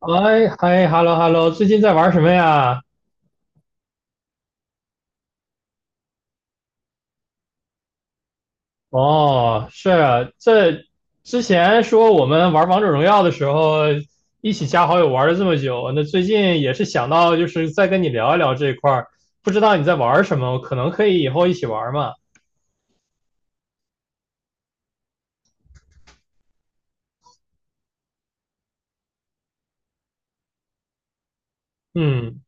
哎，嗨，hello hello，最近在玩什么呀？哦，是啊，这之前说我们玩王者荣耀的时候，一起加好友玩了这么久，那最近也是想到就是再跟你聊一聊这一块儿，不知道你在玩什么，可能可以以后一起玩嘛。嗯。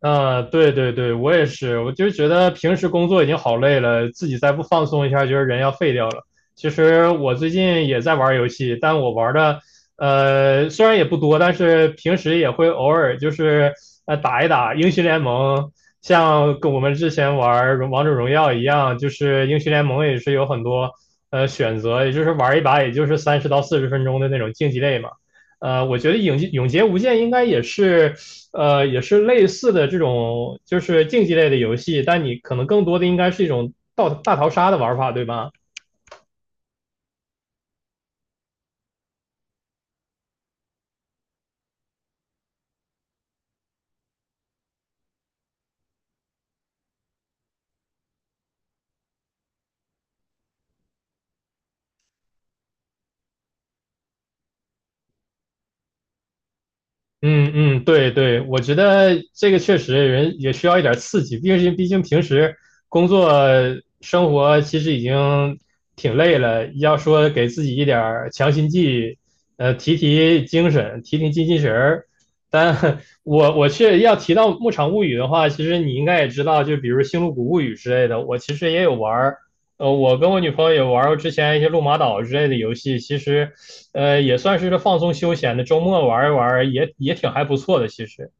啊，对对对，我也是，我就觉得平时工作已经好累了，自己再不放松一下，觉得人要废掉了。其实我最近也在玩游戏，但我玩的虽然也不多，但是平时也会偶尔就是打一打英雄联盟，像跟我们之前玩荣王者荣耀一样，就是英雄联盟也是有很多选择，也就是玩一把也就是三十到四十分钟的那种竞技类嘛。我觉得《影永劫无间》应该也是也是类似的这种，就是竞技类的游戏，但你可能更多的应该是一种大大逃杀的玩法，对吧？嗯嗯，对对，我觉得这个确实人也需要一点刺激，毕竟毕竟平时工作生活其实已经挺累了，要说给自己一点儿强心剂，提提精神，提提精气神儿。但 我却要提到《牧场物语》的话，其实你应该也知道，就比如《星露谷物语》之类的，我其实也有玩儿，呃，我跟我女朋友也玩儿过之前一些《路马岛》之类的游戏，其实。呃，也算是放松休闲的，周末玩一玩也也挺还不错的。其实，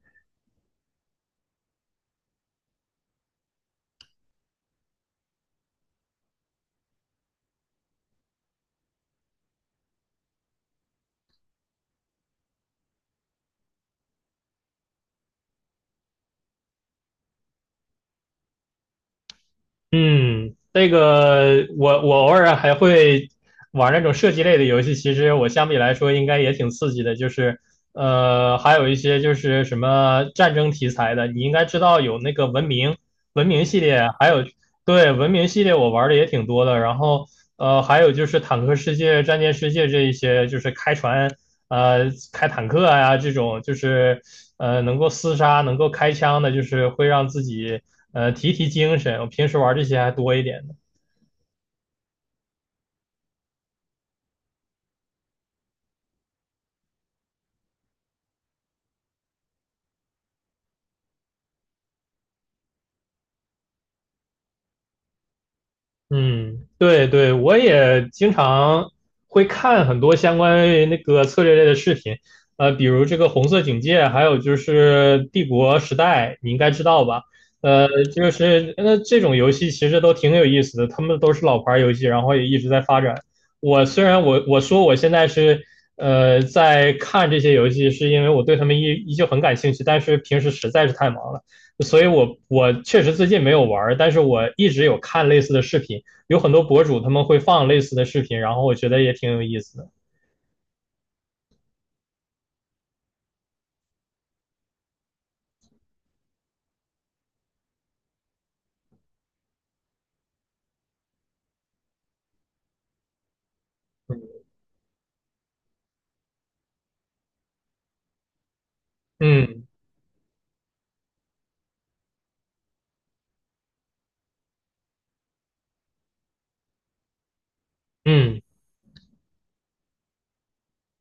嗯，这个我偶尔还会玩那种射击类的游戏，其实我相比来说应该也挺刺激的。就是还有一些就是什么战争题材的，你应该知道有那个文明文明系列，还有对，文明系列我玩的也挺多的，然后还有就是坦克世界、战舰世界这一些，就是开船、呃开坦克呀、这种，就是能够厮杀、能够开枪的，就是会让自己提提精神。我平时玩这些还多一点。嗯，对对，我也经常会看很多相关于那个策略类的视频，比如这个《红色警戒》，还有就是《帝国时代》，你应该知道吧？呃，就是那这种游戏其实都挺有意思的，他们都是老牌游戏，然后也一直在发展。我虽然我说我现在是在看这些游戏，是因为我对他们依依旧很感兴趣，但是平时实在是太忙了。所以我确实最近没有玩儿，但是我一直有看类似的视频，有很多博主他们会放类似的视频，然后我觉得也挺有意思的。嗯嗯，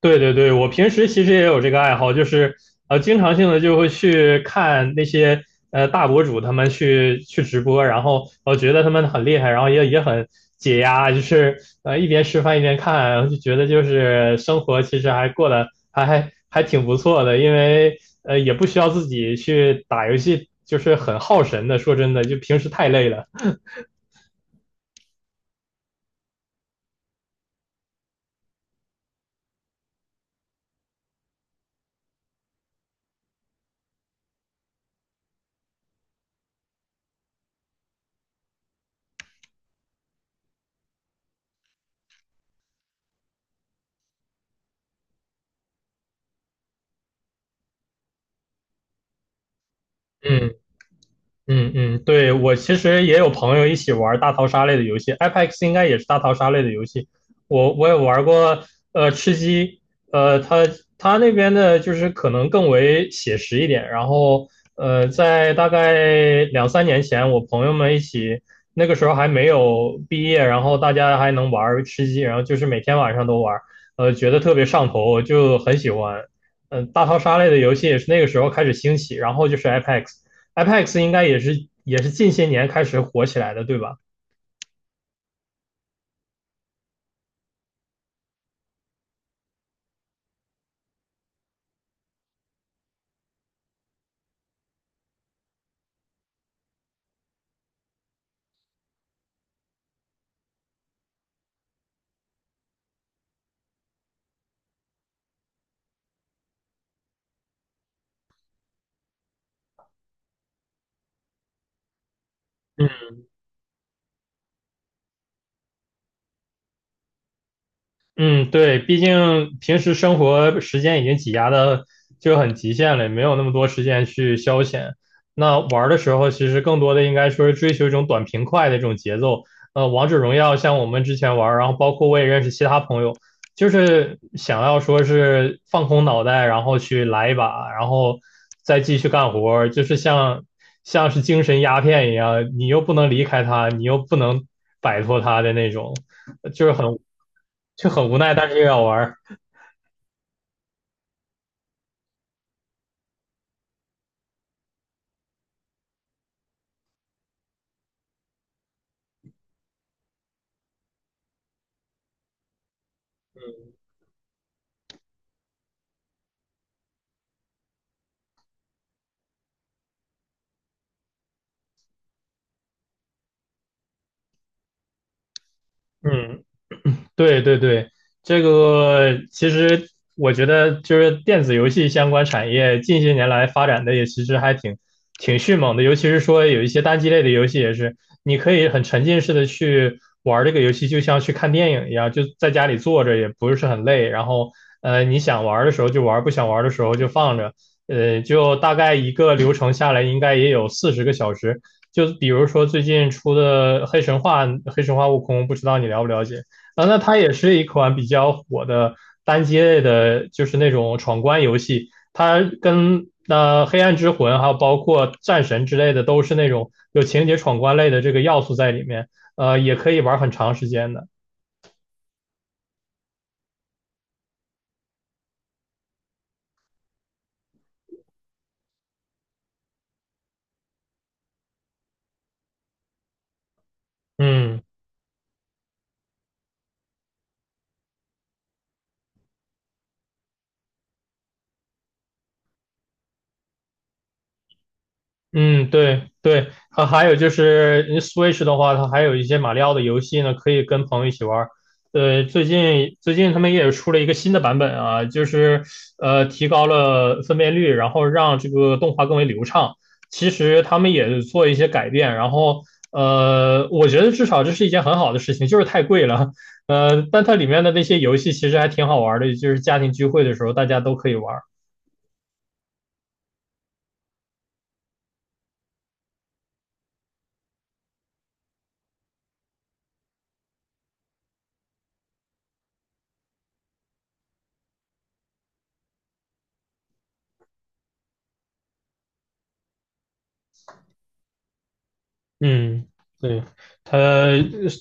对对对，我平时其实也有这个爱好，就是经常性的就会去看那些大博主他们去直播，然后我觉得他们很厉害，然后也也很解压，就是一边吃饭一边看，然后就觉得就是生活其实还过得还还还挺不错的，因为也不需要自己去打游戏，就是很耗神的。说真的，就平时太累了。嗯。嗯嗯，对，我其实也有朋友一起玩大逃杀类的游戏，Apex 应该也是大逃杀类的游戏。我也玩过，呃，吃鸡，呃，它它那边的就是可能更为写实一点。然后，呃，在大概两三年前，我朋友们一起，那个时候还没有毕业，然后大家还能玩吃鸡，然后就是每天晚上都玩，觉得特别上头，就很喜欢。嗯、大逃杀类的游戏也是那个时候开始兴起，然后就是 Apex。，Apex 应该也是也是近些年开始火起来的，对吧？嗯嗯，对，毕竟平时生活时间已经挤压的就很极限了，也没有那么多时间去消遣。那玩儿的时候，其实更多的应该说是追求一种短平快的这种节奏。王者荣耀像我们之前玩儿，然后包括我也认识其他朋友，就是想要说是放空脑袋，然后去来一把，然后再继续干活儿，就是像像是精神鸦片一样，你又不能离开它，你又不能摆脱它的那种，就是很就很无奈，但是又要玩儿。嗯，对对对，这个其实我觉得就是电子游戏相关产业近些年来发展的也其实还挺挺迅猛的，尤其是说有一些单机类的游戏也是，你可以很沉浸式的去玩这个游戏，就像去看电影一样，就在家里坐着也不是很累，然后你想玩的时候就玩，不想玩的时候就放着，就大概一个流程下来应该也有四十个小时，就比如说最近出的《黑神话》《黑神话：悟空》，不知道你了不了解？啊，那它也是一款比较火的单机类的，就是那种闯关游戏。它跟那、黑暗之魂》还有包括战神之类的，都是那种有情节闯关类的这个要素在里面，也可以玩很长时间的。嗯。嗯，对对，它还有就是嗯 Switch 的话，它还有一些马里奥的游戏呢，可以跟朋友一起玩儿。最近最近他们也出了一个新的版本啊，就是提高了分辨率，然后让这个动画更为流畅。其实他们也做一些改变，然后我觉得至少这是一件很好的事情，就是太贵了。但它里面的那些游戏其实还挺好玩儿的，就是家庭聚会的时候大家都可以玩。嗯，对，它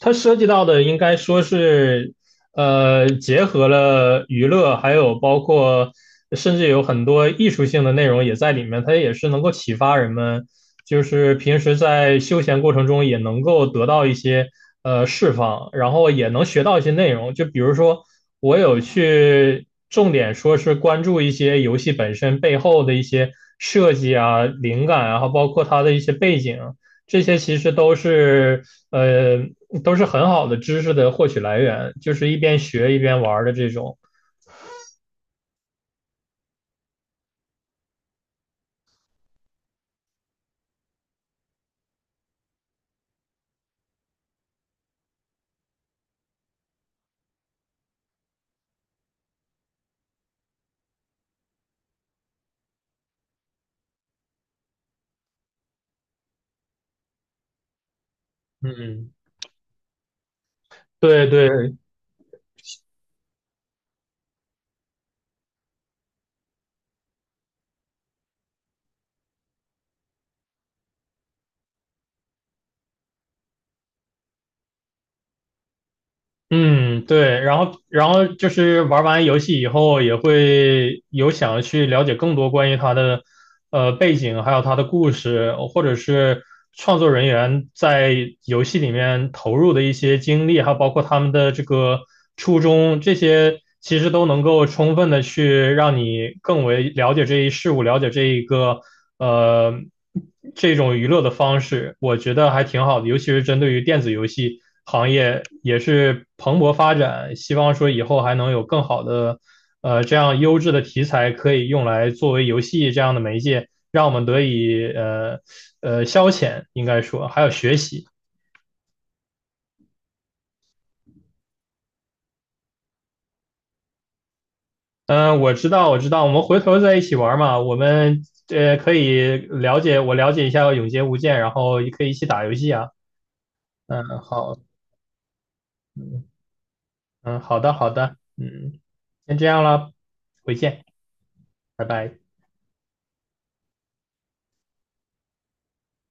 它涉及到的应该说是，结合了娱乐，还有包括甚至有很多艺术性的内容也在里面，它也是能够启发人们，就是平时在休闲过程中也能够得到一些释放，然后也能学到一些内容。就比如说，我有去重点说是关注一些游戏本身背后的一些设计啊、灵感啊，然后包括它的一些背景。这些其实都是呃都是很好的知识的获取来源，就是一边学一边玩的这种。嗯，对对，嗯，对，然后然后就是玩完游戏以后，也会有想要去了解更多关于他的背景，还有他的故事，或者是创作人员在游戏里面投入的一些经历，还有包括他们的这个初衷，这些其实都能够充分的去让你更为了解这一事物，了解这一个呃。这种娱乐的方式，我觉得还挺好的，尤其是针对于电子游戏行业，也是蓬勃发展。希望说以后还能有更好的，这样优质的题材可以用来作为游戏这样的媒介，让我们得以消遣，应该说还有学习。嗯，我知道，我知道，我们回头在一起玩嘛，我们可以了解，我了解一下《永劫无间》，然后也可以一起打游戏啊。嗯，好，嗯嗯，好的，好的，嗯，先这样了，回见，拜拜。